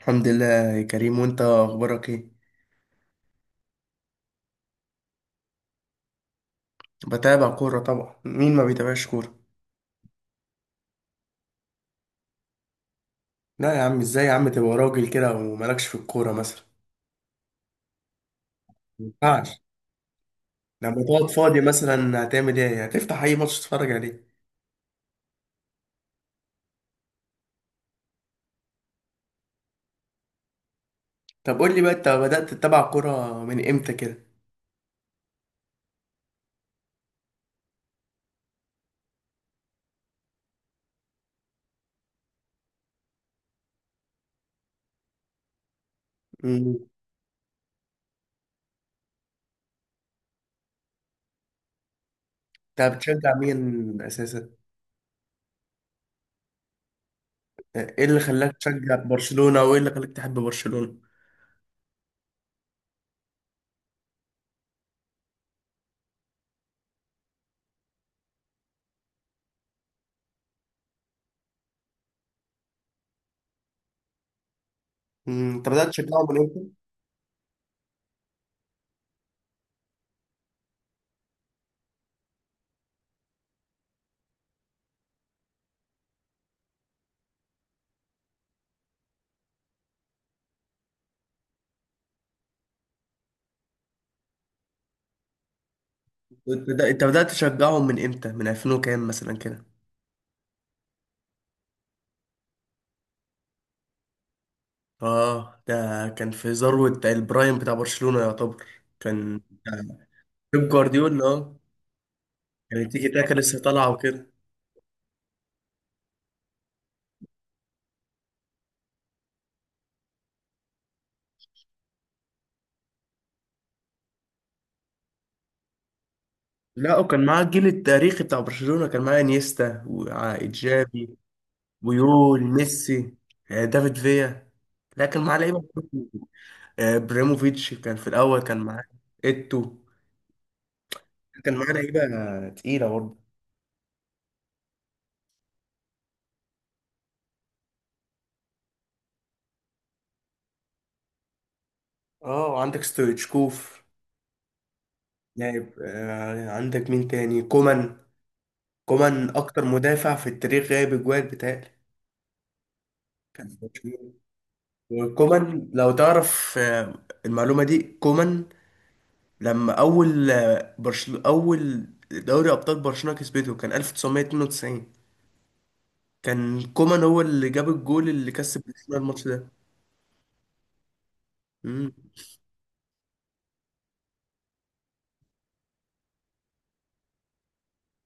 الحمد لله يا كريم، وانت اخبارك ايه؟ بتابع كورة طبعا، مين ما بيتابعش كورة؟ لا يا عم، ازاي يا عم تبقى راجل كده ومالكش في الكورة مثلا؟ ما ينفعش. لما تقعد فاضي مثلا هتعمل ايه؟ هتفتح اي ماتش تتفرج عليه. طب قول لي بقى، انت بدأت تتابع كورة من امتى كده؟ مم. انت بتشجع مين اساسا؟ ايه اللي خلاك تشجع برشلونة وايه اللي خلاك تحب برشلونة؟ مم. انت بدأت تشجعهم من امتى؟ انت بدأت تشجعهم من امتى، من 2000 وكام مثلا كده؟ اه، ده كان في ذروة البرايم بتاع برشلونة يعتبر. كان بيب جوارديولا. اه، كان التيكي تاكا لسه طالعة وكده. لا، وكان معاه الجيل التاريخي بتاع برشلونة، كان معاه انيستا وإيجابي، ويول ميسي، دافيد فيا. لا، كان معاه لعيبة كتير. ابراهيموفيتش كان في الأول كان معاه، إيتو. كان معاه لعيبة تقيلة برضه. اه، وعندك ستويتشكوف لاعب. عندك مين تاني؟ كومان. كومان اكتر مدافع في التاريخ جايب اجوال بتاعي. وكومان لو تعرف المعلومه دي، كومان لما اول آه، برشل اول دوري ابطال برشلونه كسبته كان 1992، كان كومان هو اللي جاب الجول اللي كسب برشلونه الماتش ده. مم.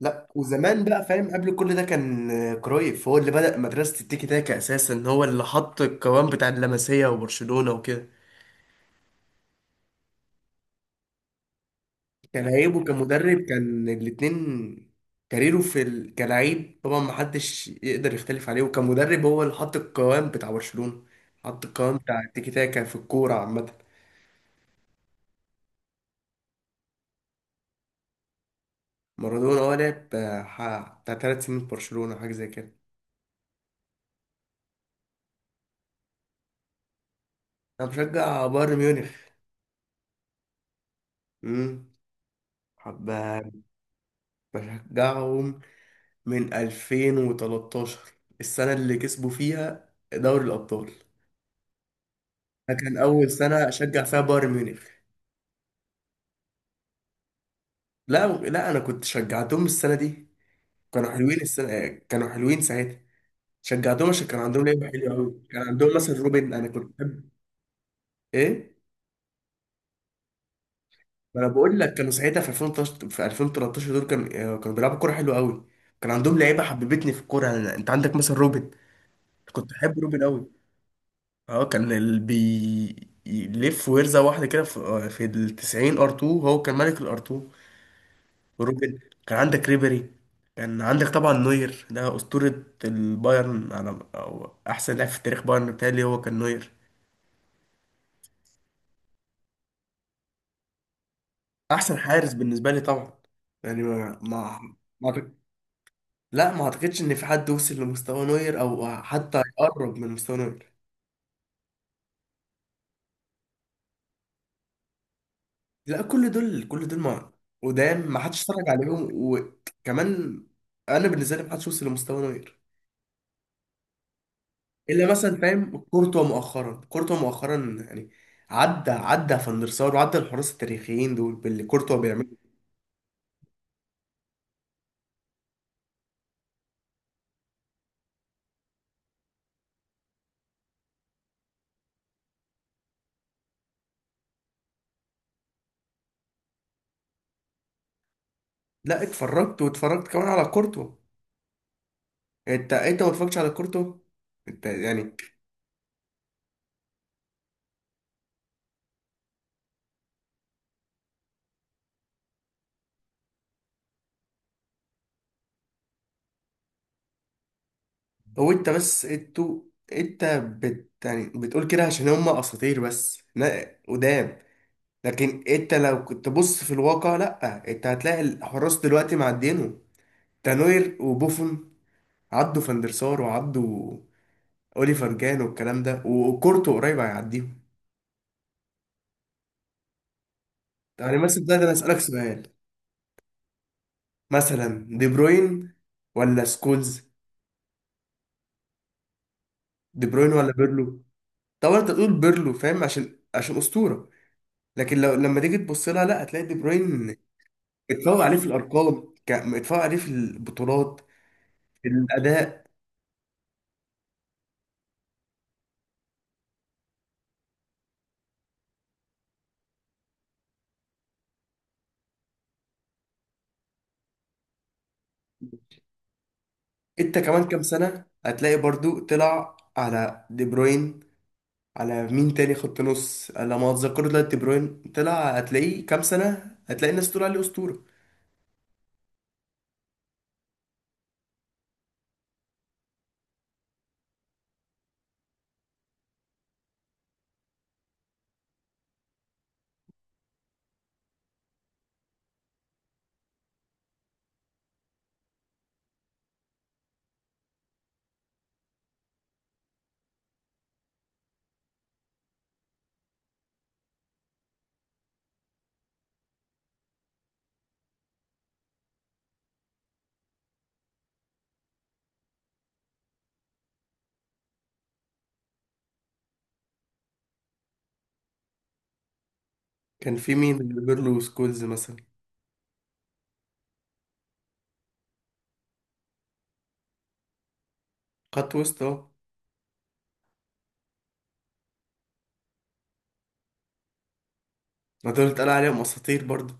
لا، وزمان بقى فاهم، قبل كل ده كان كرويف هو اللي بدأ مدرسة التيكي تاكا أساسا، هو اللي حط القوام بتاع اللمسية وبرشلونة وكده. كان عيبه كمدرب، كان الاتنين. كاريره كلاعب طبعا محدش يقدر يختلف عليه، وكمدرب هو اللي حط القوام بتاع برشلونة. حط القوام بتاع التيكي تاكا في الكورة عامة. مارادونا هو لعب بتاع ثلاث سنين في برشلونة، حاجة زي كده. أنا بشجع بايرن ميونخ. أمم. حب. بشجعهم من 2013، السنة اللي كسبوا فيها دوري الأبطال. ده كان أول سنة أشجع فيها بايرن ميونخ. لا لا، انا كنت شجعتهم السنه دي. كانوا حلوين، السنه كانوا حلوين ساعتها. شجعتهم عشان كان عندهم لعيبه حلوه قوي، كان عندهم مثلا روبن. انا كنت بحب. ايه؟ ما انا بقول لك، كانوا ساعتها في 2013 دول كان كانوا بيلعبوا كوره حلوه قوي. كان عندهم لعيبه حببتني في الكوره. انت عندك مثلا روبن. كنت بحب روبن قوي. اه، كان اللي بيلف ويرزع واحده كده في ال 90 ار 2. هو كان ملك الار 2 وروبن. كان عندك ريبيري. كان عندك طبعا نوير. ده أسطورة البايرن، على أو أحسن لاعب في تاريخ بايرن، بتهيألي هو كان نوير. أحسن حارس بالنسبة لي طبعا. يعني ما ما ما أعتق- لا، ما أعتقدش إن في حد وصل لمستوى نوير أو حتى يقرب من مستوى نوير. لا، كل دول كل دول ما قدام، ما حدش اتفرج عليهم وكمان. أنا بالنسبة لي ما حدش وصل لمستوى نوير. الا مثلا فاهم كورتوا مؤخرا، كورتوا مؤخرا يعني عدى فان der سار، وعدى الحراس التاريخيين دول باللي كورتوا بيعمله. لا، اتفرجت واتفرجت كمان على كورتوا. انت ما اتفرجتش على كورتوا. انت يعني هو انت بس انتوا. انت بت يعني بتقول كده عشان هم اساطير بس، لا قدام. لكن انت لو كنت تبص في الواقع، لا، انت هتلاقي الحراس دلوقتي معدينهم. تانوير وبوفون عدوا فان der سار، وعدوا اوليفر جان والكلام ده، وكورتو قريب هيعديهم. يعني مثلا ده انا اسالك سؤال، مثلا دي بروين ولا سكولز؟ دي بروين ولا بيرلو؟ طبعا انت تقول بيرلو فاهم عشان اسطوره. لكن لو لما تيجي تبص لها، لا، هتلاقي دي بروين اتفوق عليه في الارقام، اتفوق عليه في البطولات، في الاداء. انت كمان كام سنه هتلاقي برضو طلع على دي بروين، على مين تاني خط نص على ما اتذكر دلوقتي. دي بروين طلع، هتلاقيه كام سنه هتلاقي الناس تقول عليه اسطوره. كان في مين؟ بيقول له سكولز مثلا؟ خط وسط اهو. ما دول اتقال عليهم اساطير برضه.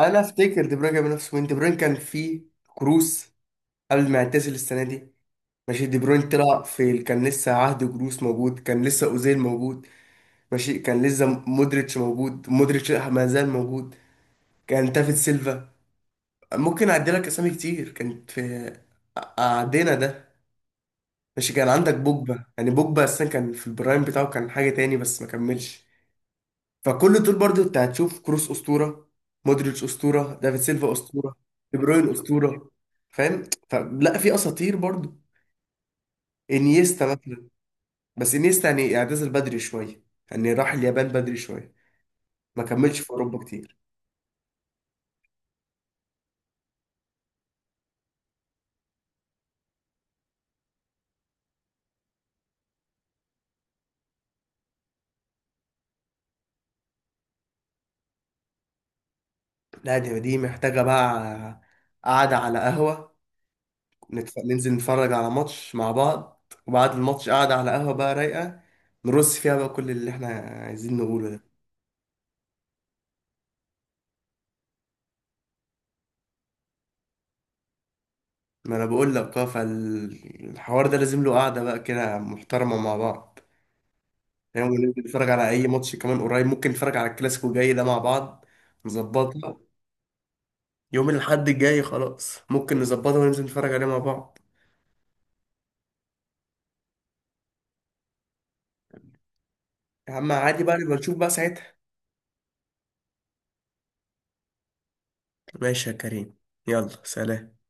انا افتكر دي بروين جاب نفسه وين دي بروين، كان في كروس قبل ما يعتزل السنه دي. ماشي، دي بروين طلع في كان لسه عهد جروس موجود، كان لسه اوزيل موجود. ماشي، كان لسه مودريتش موجود، مودريتش ما زال موجود. كان تافيد سيلفا. ممكن اعدي لك اسامي كتير كانت في عدينا ده. ماشي، كان عندك بوجبا، يعني بوجبا اصلا كان في البرايم بتاعه، كان حاجه تاني بس ما كملش. فكل دول برضو انت هتشوف كروس اسطوره، مودريتش اسطوره، دافيد سيلفا اسطوره، دي بروين اسطوره. فاهم؟ فلا في اساطير برضو. انيستا مثلا، بس انيستا يعني اعتزل بدري شويه، يعني راح اليابان بدري شويه، ما كملش في اوروبا كتير. لا، دي محتاجه بقى قعده على قهوه. ننزل نتفرج على ماتش مع بعض، وبعد الماتش قعده على قهوه بقى رايقه، نرص فيها بقى كل اللي احنا عايزين نقوله ده. ما انا بقول لك اه، فالحوار ده لازم له قعده بقى كده محترمه مع بعض. يعني ممكن نتفرج على اي ماتش كمان قريب، ممكن نتفرج على الكلاسيكو الجاي ده مع بعض. نظبطها. يوم الاحد الجاي خلاص، ممكن نظبطها وننزل نتفرج عليه مع بعض. يا عم عادي بقى، نبقى نشوف بقى ساعتها. ماشي يا كريم، يلا سلام.